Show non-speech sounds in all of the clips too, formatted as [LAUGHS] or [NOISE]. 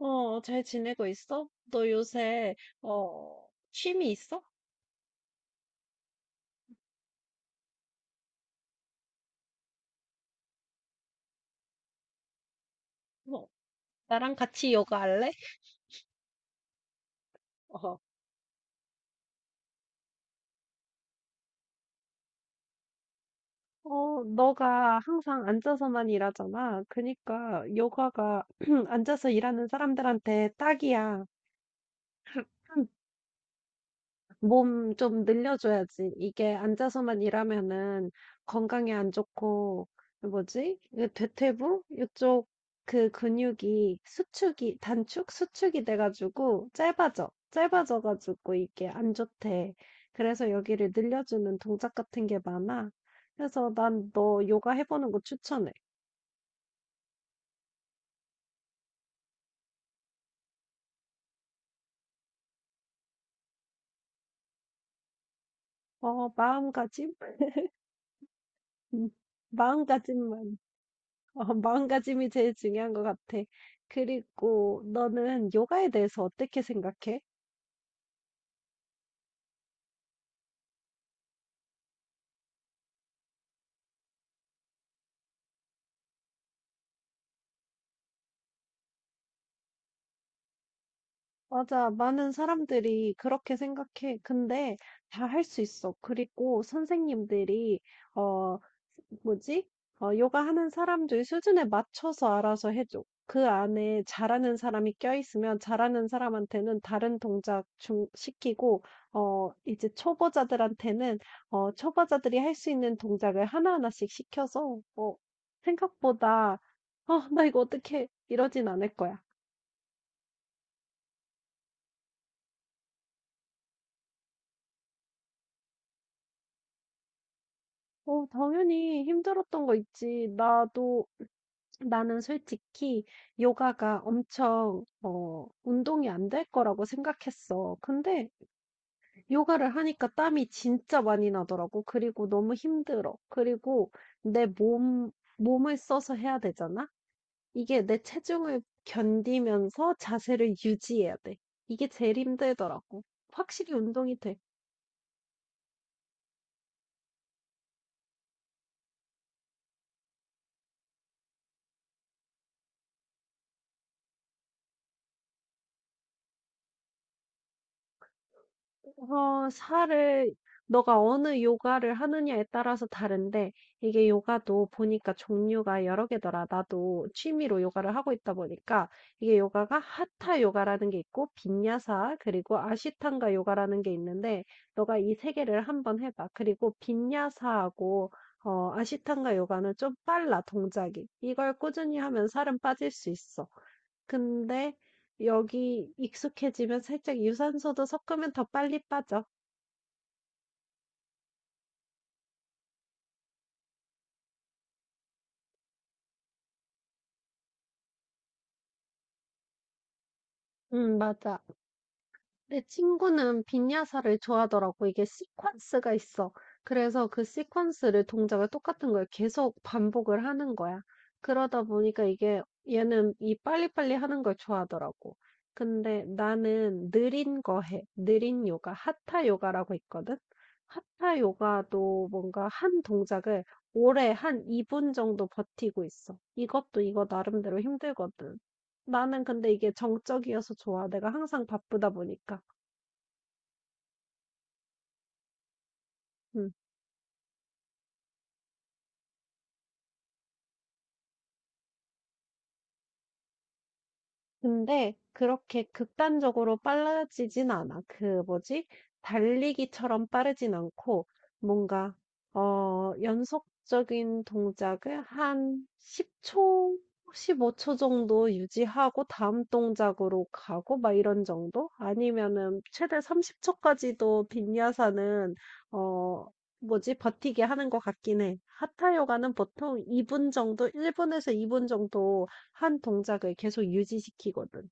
잘 지내고 있어? 너 요새, 취미 있어? 뭐, 나랑 같이 요가 할래? 어, 너가 항상 앉아서만 일하잖아. 그니까, 요가가 [CLEARS THROAT] 앉아서 일하는 사람들한테 딱이야. 몸 좀 늘려줘야지. 이게 앉아서만 일하면은 건강에 안 좋고, 뭐지? 이 대퇴부? 이쪽 그 근육이 수축이, 단축? 수축이 돼가지고 짧아져. 짧아져가지고 이게 안 좋대. 그래서 여기를 늘려주는 동작 같은 게 많아. 그래서 난 너 요가 해보는 거 추천해. 어, 마음가짐? [LAUGHS] 마음가짐만. 어, [LAUGHS] 마음가짐이 제일 중요한 것 같아. 그리고 너는 요가에 대해서 어떻게 생각해? 맞아, 많은 사람들이 그렇게 생각해. 근데 다 할 수 있어. 그리고 선생님들이, 어, 뭐지? 요가 하는 사람들 수준에 맞춰서 알아서 해줘. 그 안에 잘하는 사람이 껴있으면 잘하는 사람한테는 다른 동작 좀 시키고, 이제 초보자들한테는, 초보자들이 할 수 있는 동작을 하나하나씩 시켜서, 생각보다, 어, [LAUGHS] 나 이거 어떻게 이러진 않을 거야. 당연히 힘들었던 거 있지. 나도 나는 솔직히 요가가 엄청 운동이 안 될 거라고 생각했어. 근데 요가를 하니까 땀이 진짜 많이 나더라고. 그리고 너무 힘들어. 그리고 내 몸, 몸을 써서 해야 되잖아? 이게 내 체중을 견디면서 자세를 유지해야 돼. 이게 제일 힘들더라고. 확실히 운동이 돼. 살을 너가 어느 요가를 하느냐에 따라서 다른데 이게 요가도 보니까 종류가 여러 개더라. 나도 취미로 요가를 하고 있다 보니까 이게 요가가 하타 요가라는 게 있고 빈야사 그리고 아시탄가 요가라는 게 있는데 너가 이 세 개를 한번 해봐. 그리고 빈야사하고 아시탄가 요가는 좀 빨라 동작이. 이걸 꾸준히 하면 살은 빠질 수 있어. 근데 여기 익숙해지면 살짝 유산소도 섞으면 더 빨리 빠져. 맞아. 내 친구는 빈야사를 좋아하더라고. 이게 시퀀스가 있어. 그래서 그 시퀀스를 동작을 똑같은 걸 계속 반복을 하는 거야. 그러다 보니까 이게 얘는 이 빨리빨리 하는 걸 좋아하더라고. 근데 나는 느린 거 해. 느린 요가, 하타 요가라고 있거든. 하타 요가도 뭔가 한 동작을 오래 한 2분 정도 버티고 있어. 이것도 이거 나름대로 힘들거든. 나는 근데 이게 정적이어서 좋아. 내가 항상 바쁘다 보니까. 음. 근데 그렇게 극단적으로 빨라지진 않아. 그 뭐지? 달리기처럼 빠르진 않고 뭔가 연속적인 동작을 한 10초, 15초 정도 유지하고 다음 동작으로 가고 막 이런 정도? 아니면은 최대 30초까지도 빈야사는 어 뭐지? 버티게 하는 것 같긴 해. 하타 요가는 보통 2분 정도, 1분에서 2분 정도 한 동작을 계속 유지시키거든.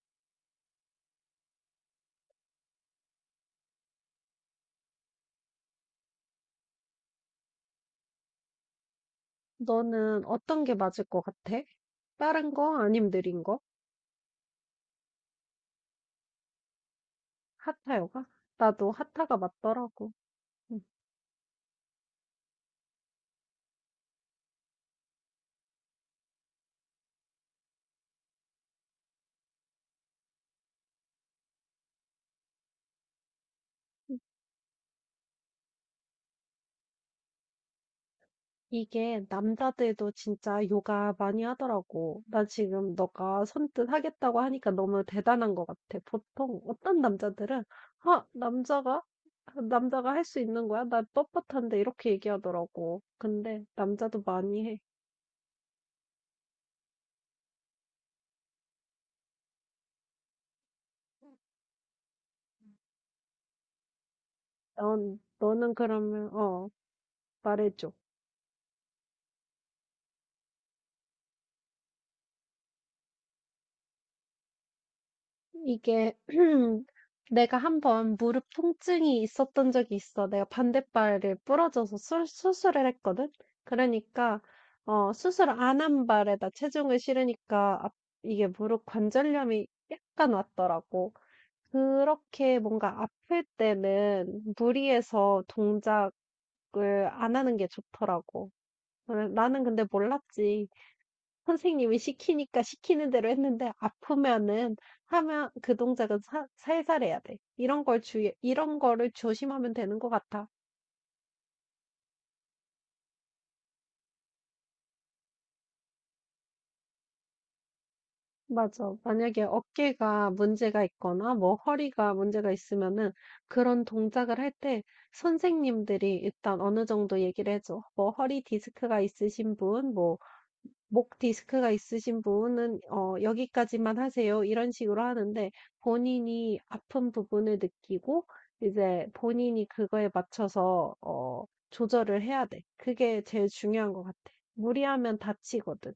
너는 어떤 게 맞을 것 같아? 빠른 거? 아님 느린 거? 하타 요가? 나도 하타가 맞더라고. 응. 이게 남자들도 진짜 요가 많이 하더라고. 나 지금 너가 선뜻 하겠다고 하니까 너무 대단한 것 같아. 보통 어떤 남자들은, 아, 남자가? 남자가 할 수 있는 거야? 나 뻣뻣한데 이렇게 얘기하더라고. 근데 남자도 많이 해. 너는 그러면, 말해줘. 이게 [CLEARS THROAT] 내가 한번 무릎 통증이 있었던 적이 있어. 내가 반대발을 부러져서 수술을 했거든. 그러니까 수술 안 한 발에다 체중을 실으니까 앞- 이게 무릎 관절염이 약간 왔더라고. 그렇게 뭔가 아플 때는 무리해서 동작을 안 하는 게 좋더라고. 나는 근데 몰랐지. 선생님이 시키니까 시키는 대로 했는데 아프면은 하면 그 동작은 살살 해야 돼. 이런 걸 주의, 이런 거를 조심하면 되는 것 같아. 맞아. 만약에 어깨가 문제가 있거나 뭐 허리가 문제가 있으면은 그런 동작을 할 때 선생님들이 일단 어느 정도 얘기를 해줘. 뭐 허리 디스크가 있으신 분, 뭐 목 디스크가 있으신 분은 "여기까지만 하세요." 이런 식으로 하는데 본인이 아픈 부분을 느끼고 이제 본인이 그거에 맞춰서 조절을 해야 돼. 그게 제일 중요한 것 같아. 무리하면 다치거든.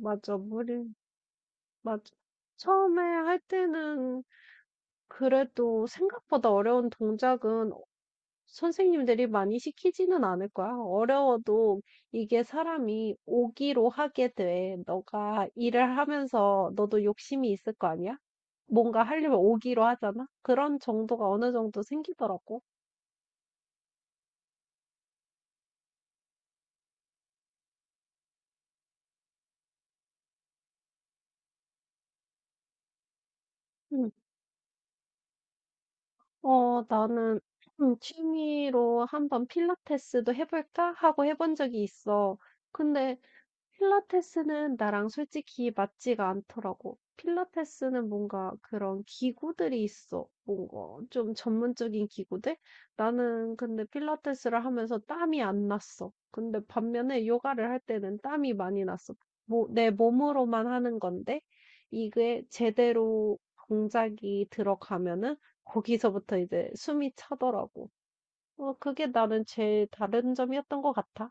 맞아. 무리 맞아. 처음에 할 때는 그래도 생각보다 어려운 동작은 선생님들이 많이 시키지는 않을 거야. 어려워도 이게 사람이 오기로 하게 돼. 너가 일을 하면서 너도 욕심이 있을 거 아니야? 뭔가 하려면 오기로 하잖아? 그런 정도가 어느 정도 생기더라고. 음, 나는 취미로 한번 필라테스도 해볼까? 하고 해본 적이 있어. 근데 필라테스는 나랑 솔직히 맞지가 않더라고. 필라테스는 뭔가 그런 기구들이 있어. 뭔가 좀 전문적인 기구들? 나는 근데 필라테스를 하면서 땀이 안 났어. 근데 반면에 요가를 할 때는 땀이 많이 났어. 뭐, 내 몸으로만 하는 건데, 이게 제대로 동작이 들어가면은 거기서부터 이제 숨이 차더라고. 그게 나는 제일 다른 점이었던 것 같아.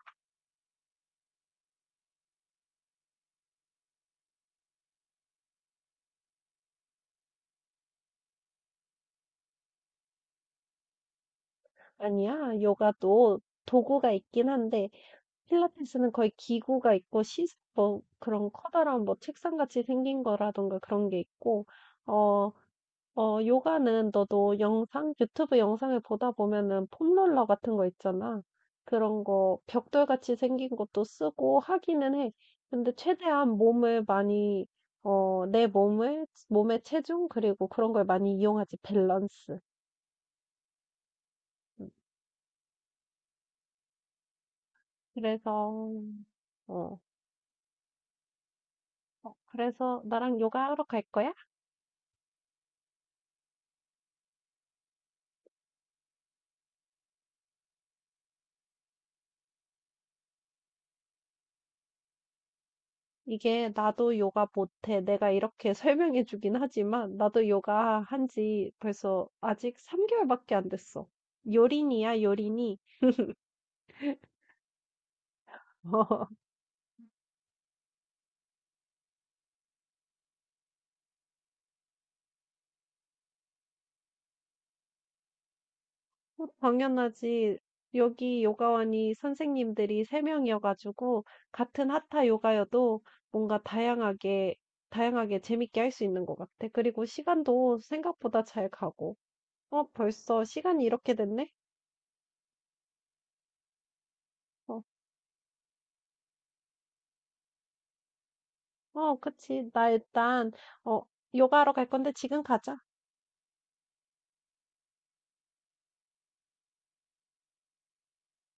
아니야. 요가도 도구가 있긴 한데 필라테스는 거의 기구가 있고 뭐 그런 커다란 뭐 책상같이 생긴 거라던가 그런 게 있고 어, 요가는 너도 영상, 유튜브 영상을 보다 보면은 폼롤러 같은 거 있잖아. 그런 거 벽돌같이 생긴 것도 쓰고 하기는 해. 근데 최대한 몸을 많이 내 몸을 몸의 체중 그리고 그런 걸 많이 이용하지 밸런스. 음, 그래서 어. 그래서 나랑 요가하러 갈 거야? 이게 나도 요가 못해. 내가 이렇게 [LAUGHS] 설명해 주긴 하지만 나도 요가 한지 벌써 아직 3개월밖에 안 됐어. 요린이야, 요린이. [LAUGHS] 당연하지. 여기 요가원이 선생님들이 3명이어가지고 같은 하타 요가여도 뭔가 다양하게, 다양하게 재밌게 할 수 있는 것 같아. 그리고 시간도 생각보다 잘 가고. 벌써 시간이 이렇게 됐네? 어. 어 그치. 나 일단 어 요가하러 갈 건데 지금 가자.